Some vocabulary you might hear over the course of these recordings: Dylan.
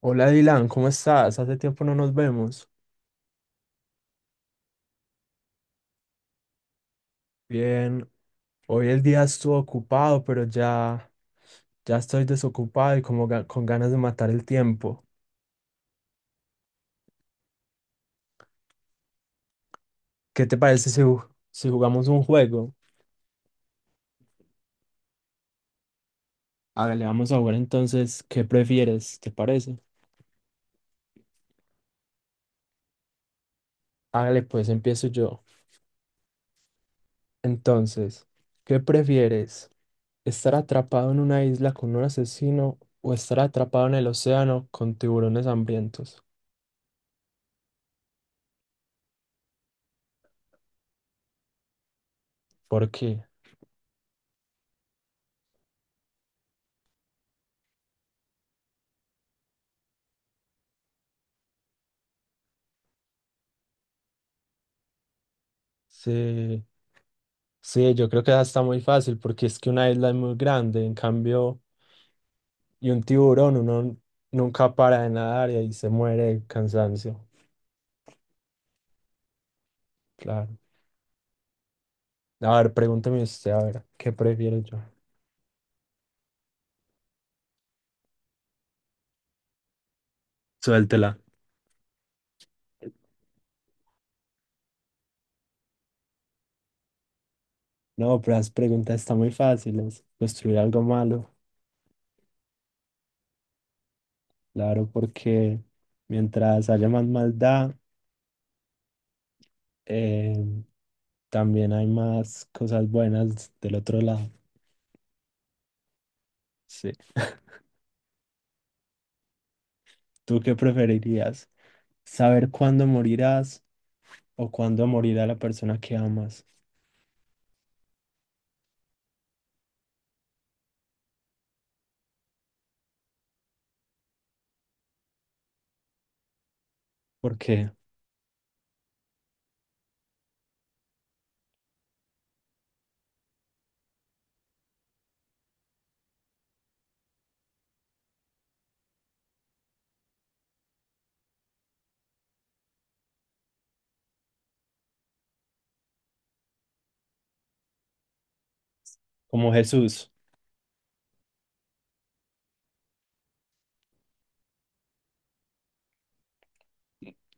Hola Dylan, ¿cómo estás? Hace tiempo no nos vemos. Bien, hoy el día estuvo ocupado, pero ya estoy desocupado y como con ganas de matar el tiempo. ¿Qué te parece si jugamos un juego? Hágale, vamos a jugar entonces. ¿Qué prefieres? ¿Te parece? Hágale, pues empiezo yo. Entonces, ¿qué prefieres? ¿Estar atrapado en una isla con un asesino o estar atrapado en el océano con tiburones hambrientos? ¿Por qué? Sí. Sí, yo creo que esa está muy fácil porque es que una isla es muy grande, en cambio, y un tiburón uno nunca para de nadar y ahí se muere de cansancio. Claro. A ver, pregúnteme usted, a ver, ¿qué prefiero yo? Suéltela. No, pero las preguntas están muy fáciles. Construir algo malo, claro, porque mientras haya más maldad, eh, también hay más cosas buenas del otro lado. Sí. ¿Tú qué preferirías? ¿Saber cuándo morirás o cuándo morirá la persona que amas, porque como Jesús,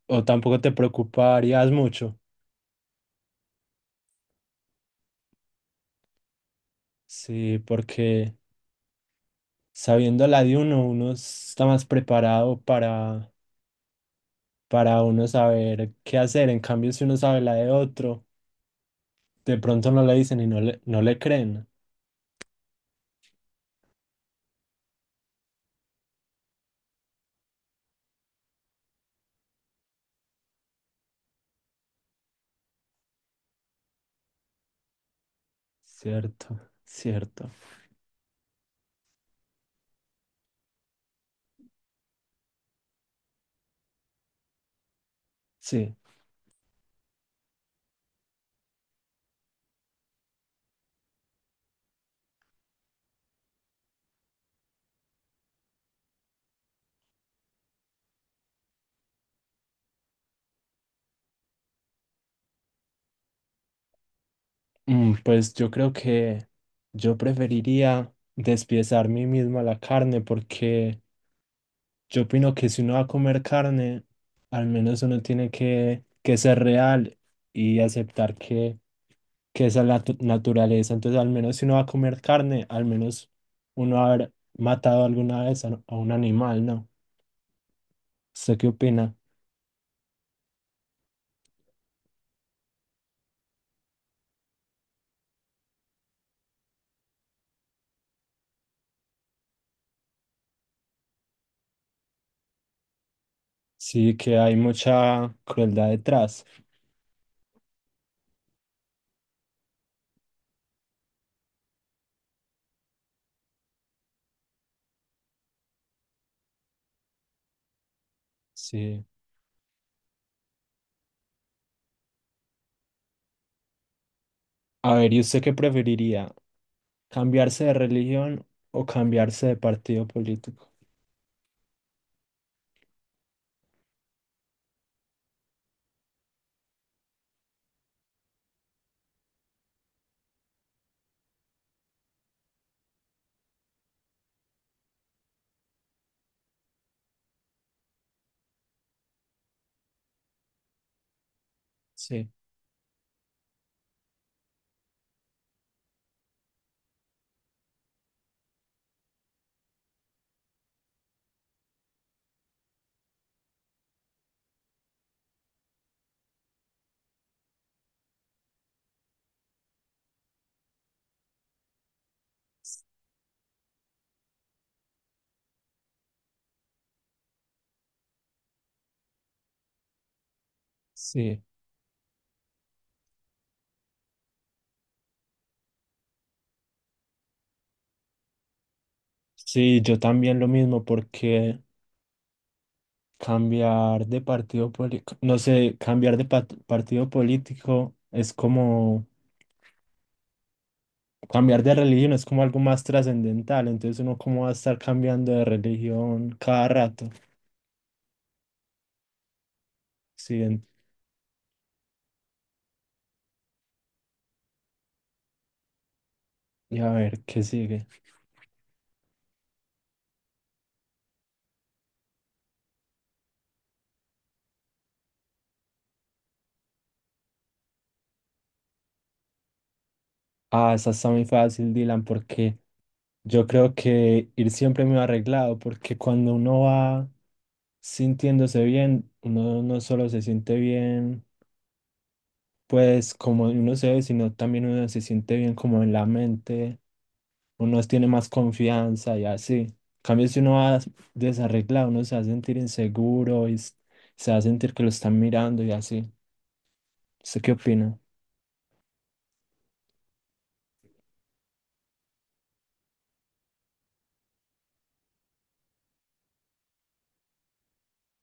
o tampoco te preocuparías mucho? Sí, porque sabiendo la de uno, uno está más preparado para uno saber qué hacer, en cambio si uno sabe la de otro, de pronto no le dicen y no no le creen, cierto, sí. Mm, pues yo creo que yo preferiría despiezar mí mismo a la carne porque... Yo opino que si uno va a comer carne, al menos uno tiene que ser real y aceptar que esa es la naturaleza. Entonces, al menos si uno va a comer carne, al menos uno va a haber matado alguna vez a un animal, ¿no? ¿Usted qué opina? Sí, que hay mucha crueldad detrás. Sí. A ver, ¿y usted qué preferiría? ¿Cambiarse de religión o cambiarse de partido político? Sí, sí. Sí, yo también lo mismo porque... Cambiar de partido político, no sé, cambiar de partido político es como cambiar de religión, es como algo más trascendental, entonces uno cómo va a estar cambiando de religión cada rato. Sí, en- y a ver, ¿qué sigue? Ah, esa está muy fácil, Dylan, porque yo creo que ir siempre muy arreglado, porque cuando uno va sintiéndose bien, uno no solo se siente bien, pues como uno se ve, sino también uno se siente bien como en la mente uno tiene más confianza y así. En cambio, si uno va desarreglado, uno se va a sentir inseguro y se va a sentir que lo están mirando y así. ¿Usted qué opina?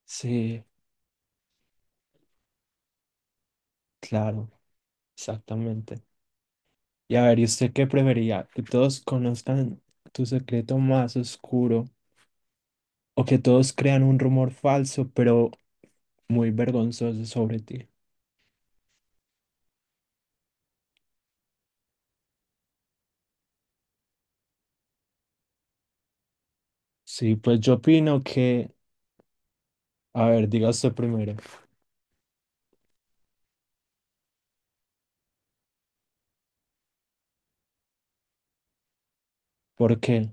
Sí, claro, exactamente. Y a ver, ¿y usted qué prefería? ¿Que todos conozcan tu secreto más oscuro o que todos crean un rumor falso, pero muy vergonzoso sobre ti? Sí, pues yo opino que, a ver, diga usted primero. ¿Por qué?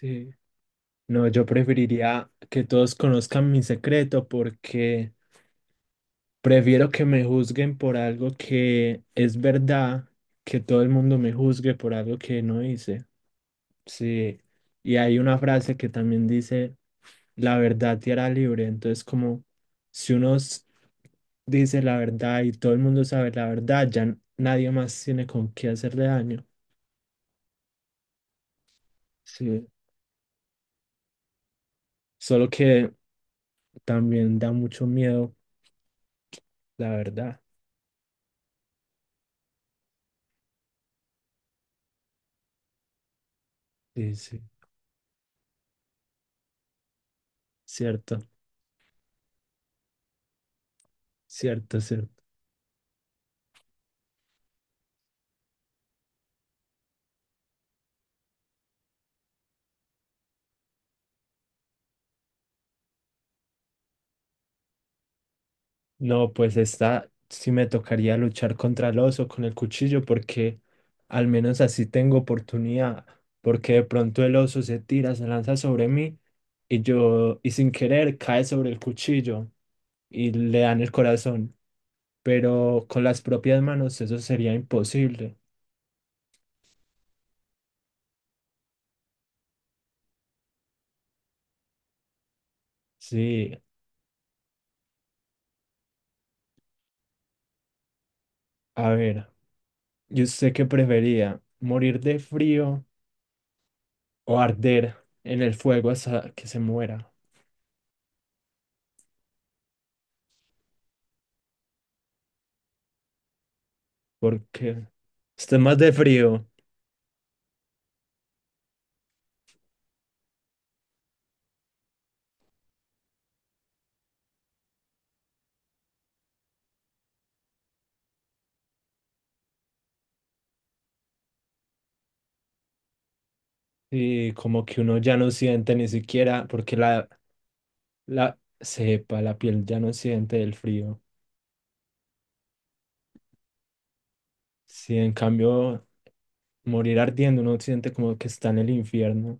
Sí. No, yo preferiría que todos conozcan mi secreto porque prefiero que me juzguen por algo que es verdad, que todo el mundo me juzgue por algo que no hice. Sí, y hay una frase que también dice, la verdad te hará libre. Entonces, como si uno dice la verdad y todo el mundo sabe la verdad, ya nadie más tiene con qué hacerle daño. Sí, solo que también da mucho miedo, la verdad. Sí, sí, cierto, cierto. No, pues esta sí me tocaría luchar contra el oso con el cuchillo porque al menos así tengo oportunidad, porque de pronto el oso se tira, se lanza sobre mí y yo, y sin querer, cae sobre el cuchillo y le dan el corazón, pero con las propias manos eso sería imposible. Sí, a ver, yo sé que prefería morir de frío o arder en el fuego hasta que se muera. Porque esté más de frío y como que uno ya no siente ni siquiera, porque la cepa, la piel ya no siente el frío. Si en cambio morir ardiendo uno siente como que está en el infierno.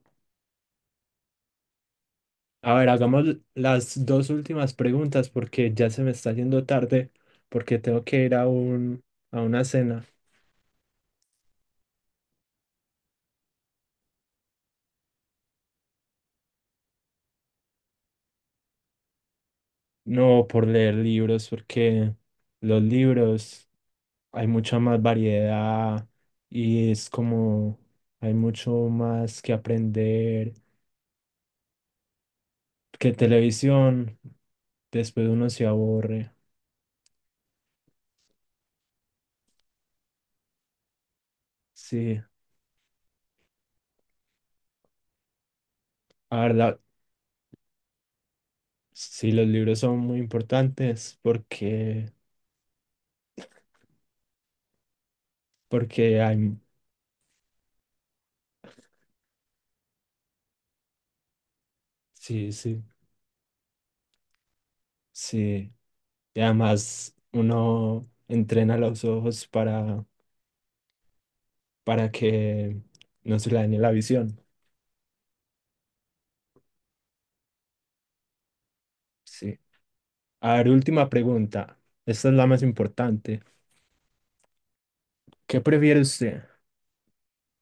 A ver, hagamos las dos últimas preguntas porque ya se me está haciendo tarde, porque tengo que ir a un, a una cena. No, por leer libros, porque los libros hay mucha más variedad y es como hay mucho más que aprender que televisión. Después uno se aburre. Sí, la verdad, sí, los libros son muy importantes porque, porque hay, sí, sí, sí. Y además uno entrena los ojos para que no se le dañe la visión. Sí. A ver, última pregunta. Esta es la más importante. ¿Qué prefiere usted?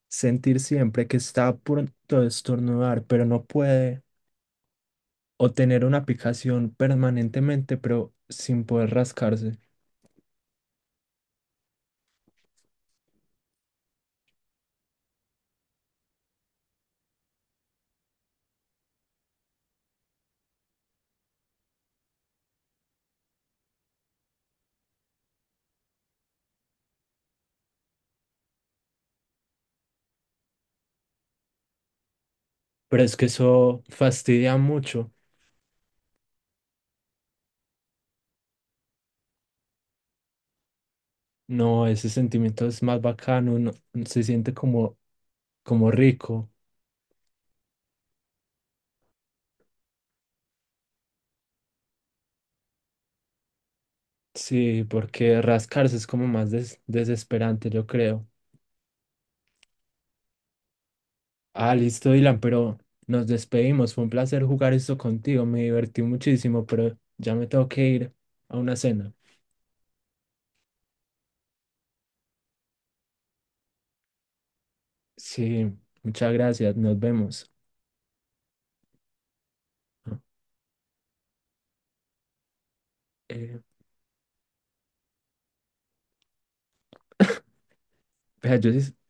¿Sentir siempre que está a punto de estornudar, pero no puede? ¿O tener una picazón permanentemente, pero sin poder rascarse? Pero es que eso fastidia mucho. No, ese sentimiento es más bacano. Uno se siente como, como rico. Sí, porque rascarse es como más desesperante, yo creo. Ah, listo, Dylan, pero nos despedimos. Fue un placer jugar esto contigo. Me divertí muchísimo, pero ya me tengo que ir a una cena. Sí, muchas gracias. Nos vemos. Ah, eh, Vea, yo sí-